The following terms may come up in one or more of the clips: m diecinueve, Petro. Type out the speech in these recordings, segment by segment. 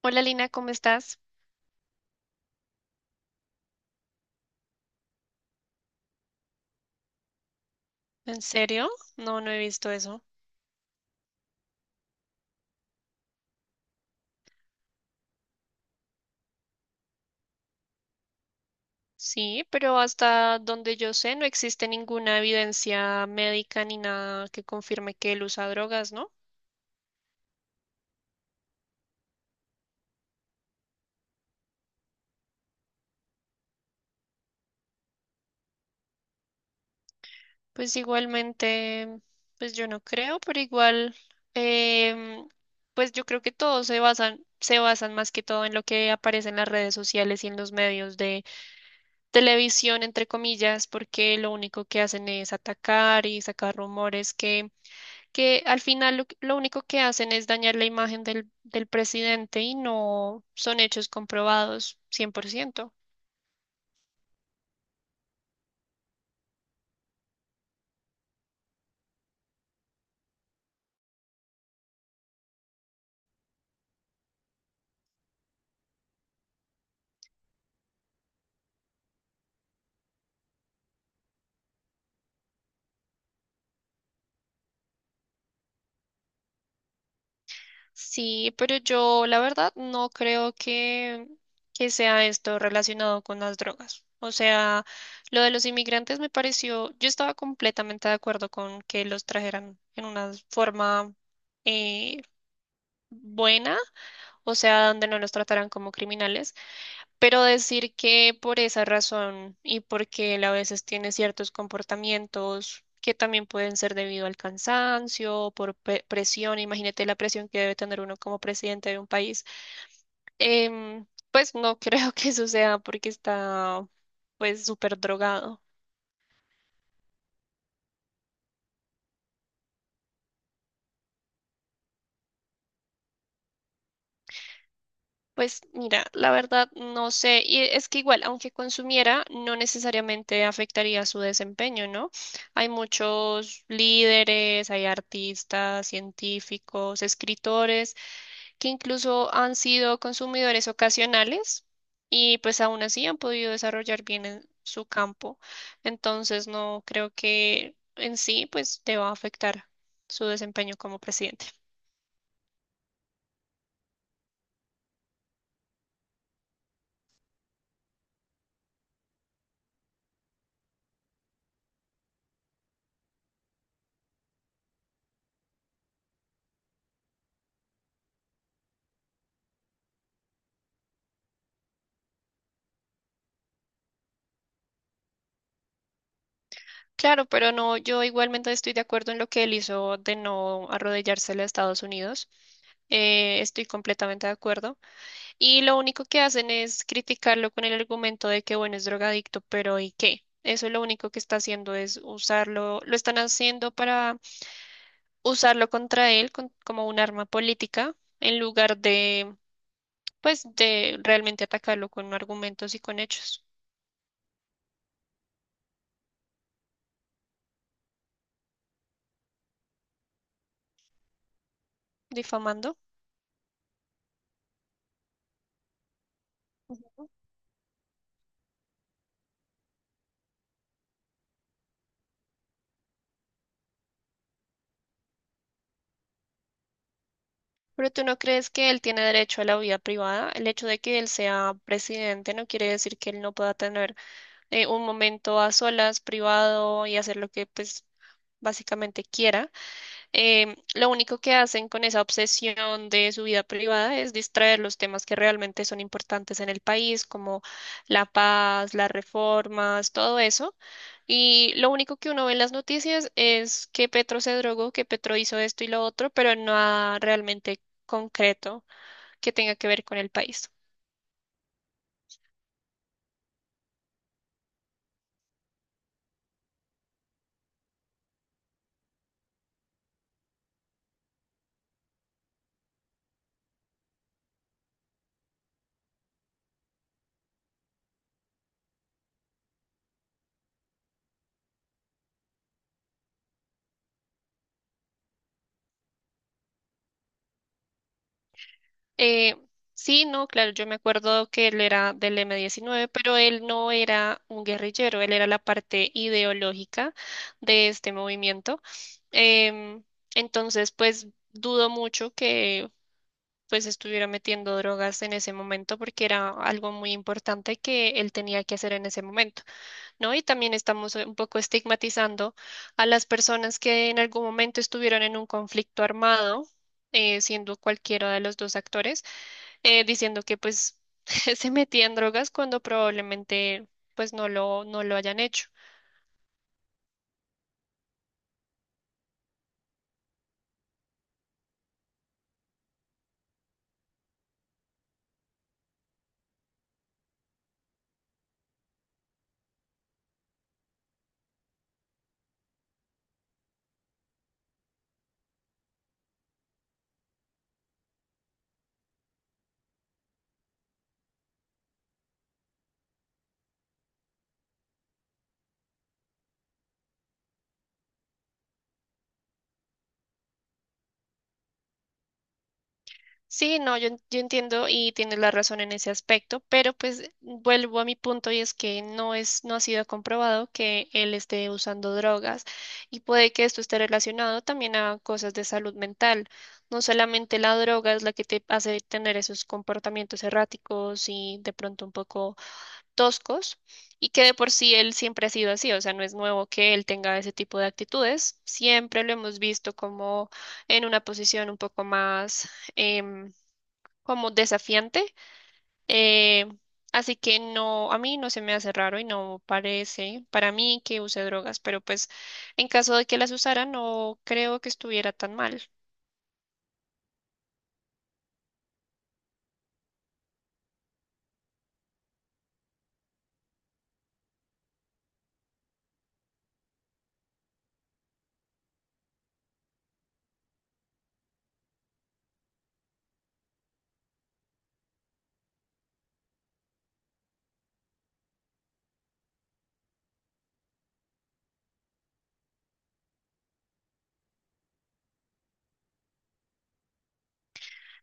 Hola Lina, ¿cómo estás? ¿En serio? No, no he visto eso. Sí, pero hasta donde yo sé no existe ninguna evidencia médica ni nada que confirme que él usa drogas, ¿no? Pues igualmente, pues yo no creo, pero igual, em, pues yo creo que todos se basan más que todo en lo que aparece en las redes sociales y en los medios de televisión, entre comillas, porque lo único que hacen es atacar y sacar rumores que al final lo único que hacen es dañar la imagen del presidente y no son hechos comprobados 100%. Sí, pero yo la verdad no creo que sea esto relacionado con las drogas. O sea, lo de los inmigrantes me pareció, yo estaba completamente de acuerdo con que los trajeran en una forma eh, buena, o sea, donde no los trataran como criminales. Pero decir que por esa razón y porque él a veces tiene ciertos comportamientos que también pueden ser debido al cansancio, por presión, imagínate la presión que debe tener uno como presidente de un país, em, pues no creo que eso sea porque está pues súper drogado. Pues mira, la verdad no sé, y es que igual, aunque consumiera, no necesariamente afectaría su desempeño, ¿no? Hay muchos líderes, hay artistas, científicos, escritores, que incluso han sido consumidores ocasionales y pues aún así han podido desarrollar bien en su campo. Entonces no creo que en sí pues deba afectar su desempeño como presidente. Claro, pero no, yo igualmente estoy de acuerdo en lo que él hizo de no arrodillarse a Estados Unidos. Estoy completamente de acuerdo. Y lo único que hacen es criticarlo con el argumento de que, bueno, es drogadicto, pero ¿y qué? Eso lo único que está haciendo es usarlo, lo están haciendo para usarlo contra él como un arma política en lugar de, pues, de realmente atacarlo con argumentos y con hechos. Difamando. ¿Pero tú no crees que él tiene derecho a la vida privada? El hecho de que él sea presidente no quiere decir que él no pueda tener un momento a solas, privado y hacer lo que pues básicamente quiera. Lo único que hacen con esa obsesión de su vida privada es distraer los temas que realmente son importantes en el país, como la paz, las reformas, todo eso. Y lo único que uno ve en las noticias es que Petro se drogó, que Petro hizo esto y lo otro, pero nada realmente concreto que tenga que ver con el país. Eh, sí, no, claro, yo me acuerdo que él era del M-19, pero él no era un guerrillero, él era la parte ideológica de este movimiento. Em, entonces, pues dudo mucho que pues estuviera metiendo drogas en ese momento porque era algo muy importante que él tenía que hacer en ese momento. ¿No? Y también estamos un poco estigmatizando a las personas que en algún momento estuvieron en un conflicto armado, siendo cualquiera de los dos actores, diciendo que pues se metían drogas cuando probablemente pues no lo hayan hecho. Sí, no, yo entiendo y tienes la razón en ese aspecto, pero pues vuelvo a mi punto y es que no es, no ha sido comprobado que él esté usando drogas y puede que esto esté relacionado también a cosas de salud mental. No solamente la droga es la que te hace tener esos comportamientos erráticos y de pronto un poco toscos y que de por sí él siempre ha sido así, o sea, no es nuevo que él tenga ese tipo de actitudes, siempre lo hemos visto como en una posición un poco más em, como desafiante. eh, Así que no, a mí no se me hace raro y no parece para mí que use drogas, pero pues en caso de que las usara, no creo que estuviera tan mal.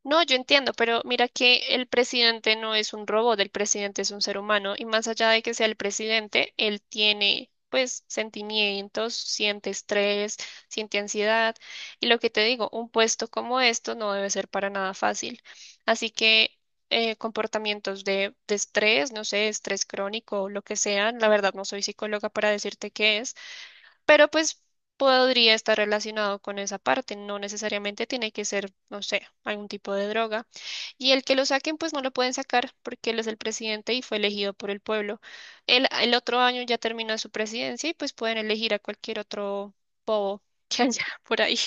No, yo entiendo, pero mira que el presidente no es un robot, el presidente es un ser humano y más allá de que sea el presidente, él tiene pues sentimientos, siente estrés, siente ansiedad y lo que te digo, un puesto como esto no debe ser para nada fácil. Así que comportamientos de estrés, no sé, estrés crónico o lo que sea, la verdad no soy psicóloga para decirte qué es, pero pues podría estar relacionado con esa parte, no necesariamente tiene que ser, no sé, algún tipo de droga. Y el que lo saquen, pues no lo pueden sacar porque él es el presidente y fue elegido por el pueblo. El otro año ya termina su presidencia y pues pueden elegir a cualquier otro bobo que haya por ahí.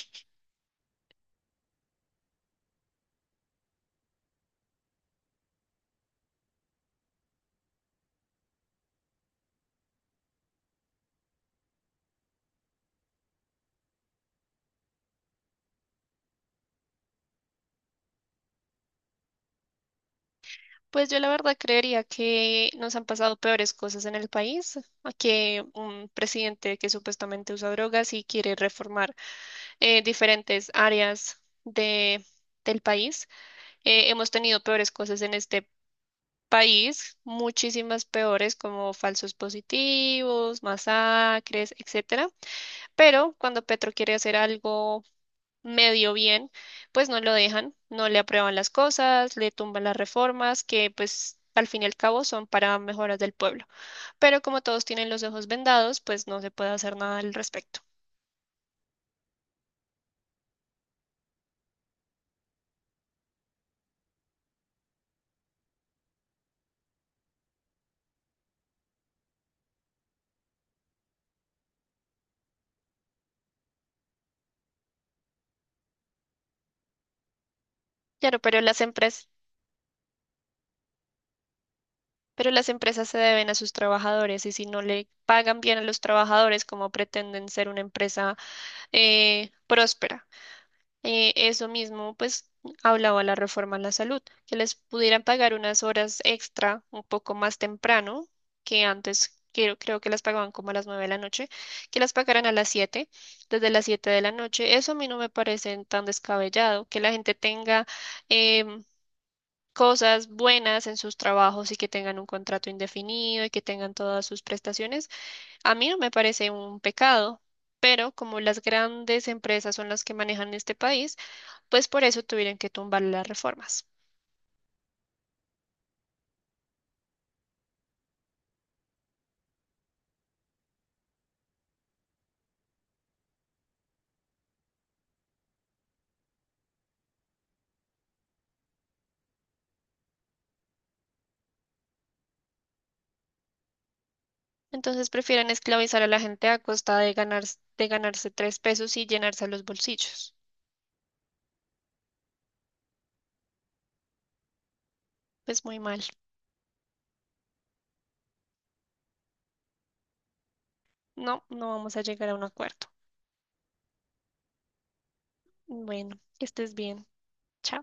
Pues yo la verdad creería que nos han pasado peores cosas en el país a que un presidente que supuestamente usa drogas y quiere reformar diferentes áreas del país. Hemos tenido peores cosas en este país, muchísimas peores como falsos positivos, masacres, etcétera. Pero cuando Petro quiere hacer algo medio bien, pues no lo dejan, no le aprueban las cosas, le tumban las reformas que pues al fin y al cabo son para mejoras del pueblo. Pero como todos tienen los ojos vendados, pues no se puede hacer nada al respecto. Claro, pero las empresas. Pero las empresas se deben a sus trabajadores y si no le pagan bien a los trabajadores, como pretenden ser una empresa próspera? Eso mismo, pues, hablaba la reforma a la salud, que les pudieran pagar unas horas extra un poco más temprano que antes. Creo que las pagaban como a las 9 de la noche, que las pagaran a las 7, desde las 7 de la noche. Eso a mí no me parece tan descabellado, que la gente tenga em, cosas buenas en sus trabajos y que tengan un contrato indefinido y que tengan todas sus prestaciones, a mí no me parece un pecado, pero como las grandes empresas son las que manejan este país, pues por eso tuvieron que tumbar las reformas. Entonces prefieren esclavizar a la gente a costa de ganar, de ganarse tres pesos y llenarse los bolsillos. Pues muy mal. No, no vamos a llegar a un acuerdo. Bueno, que estés bien. Chao.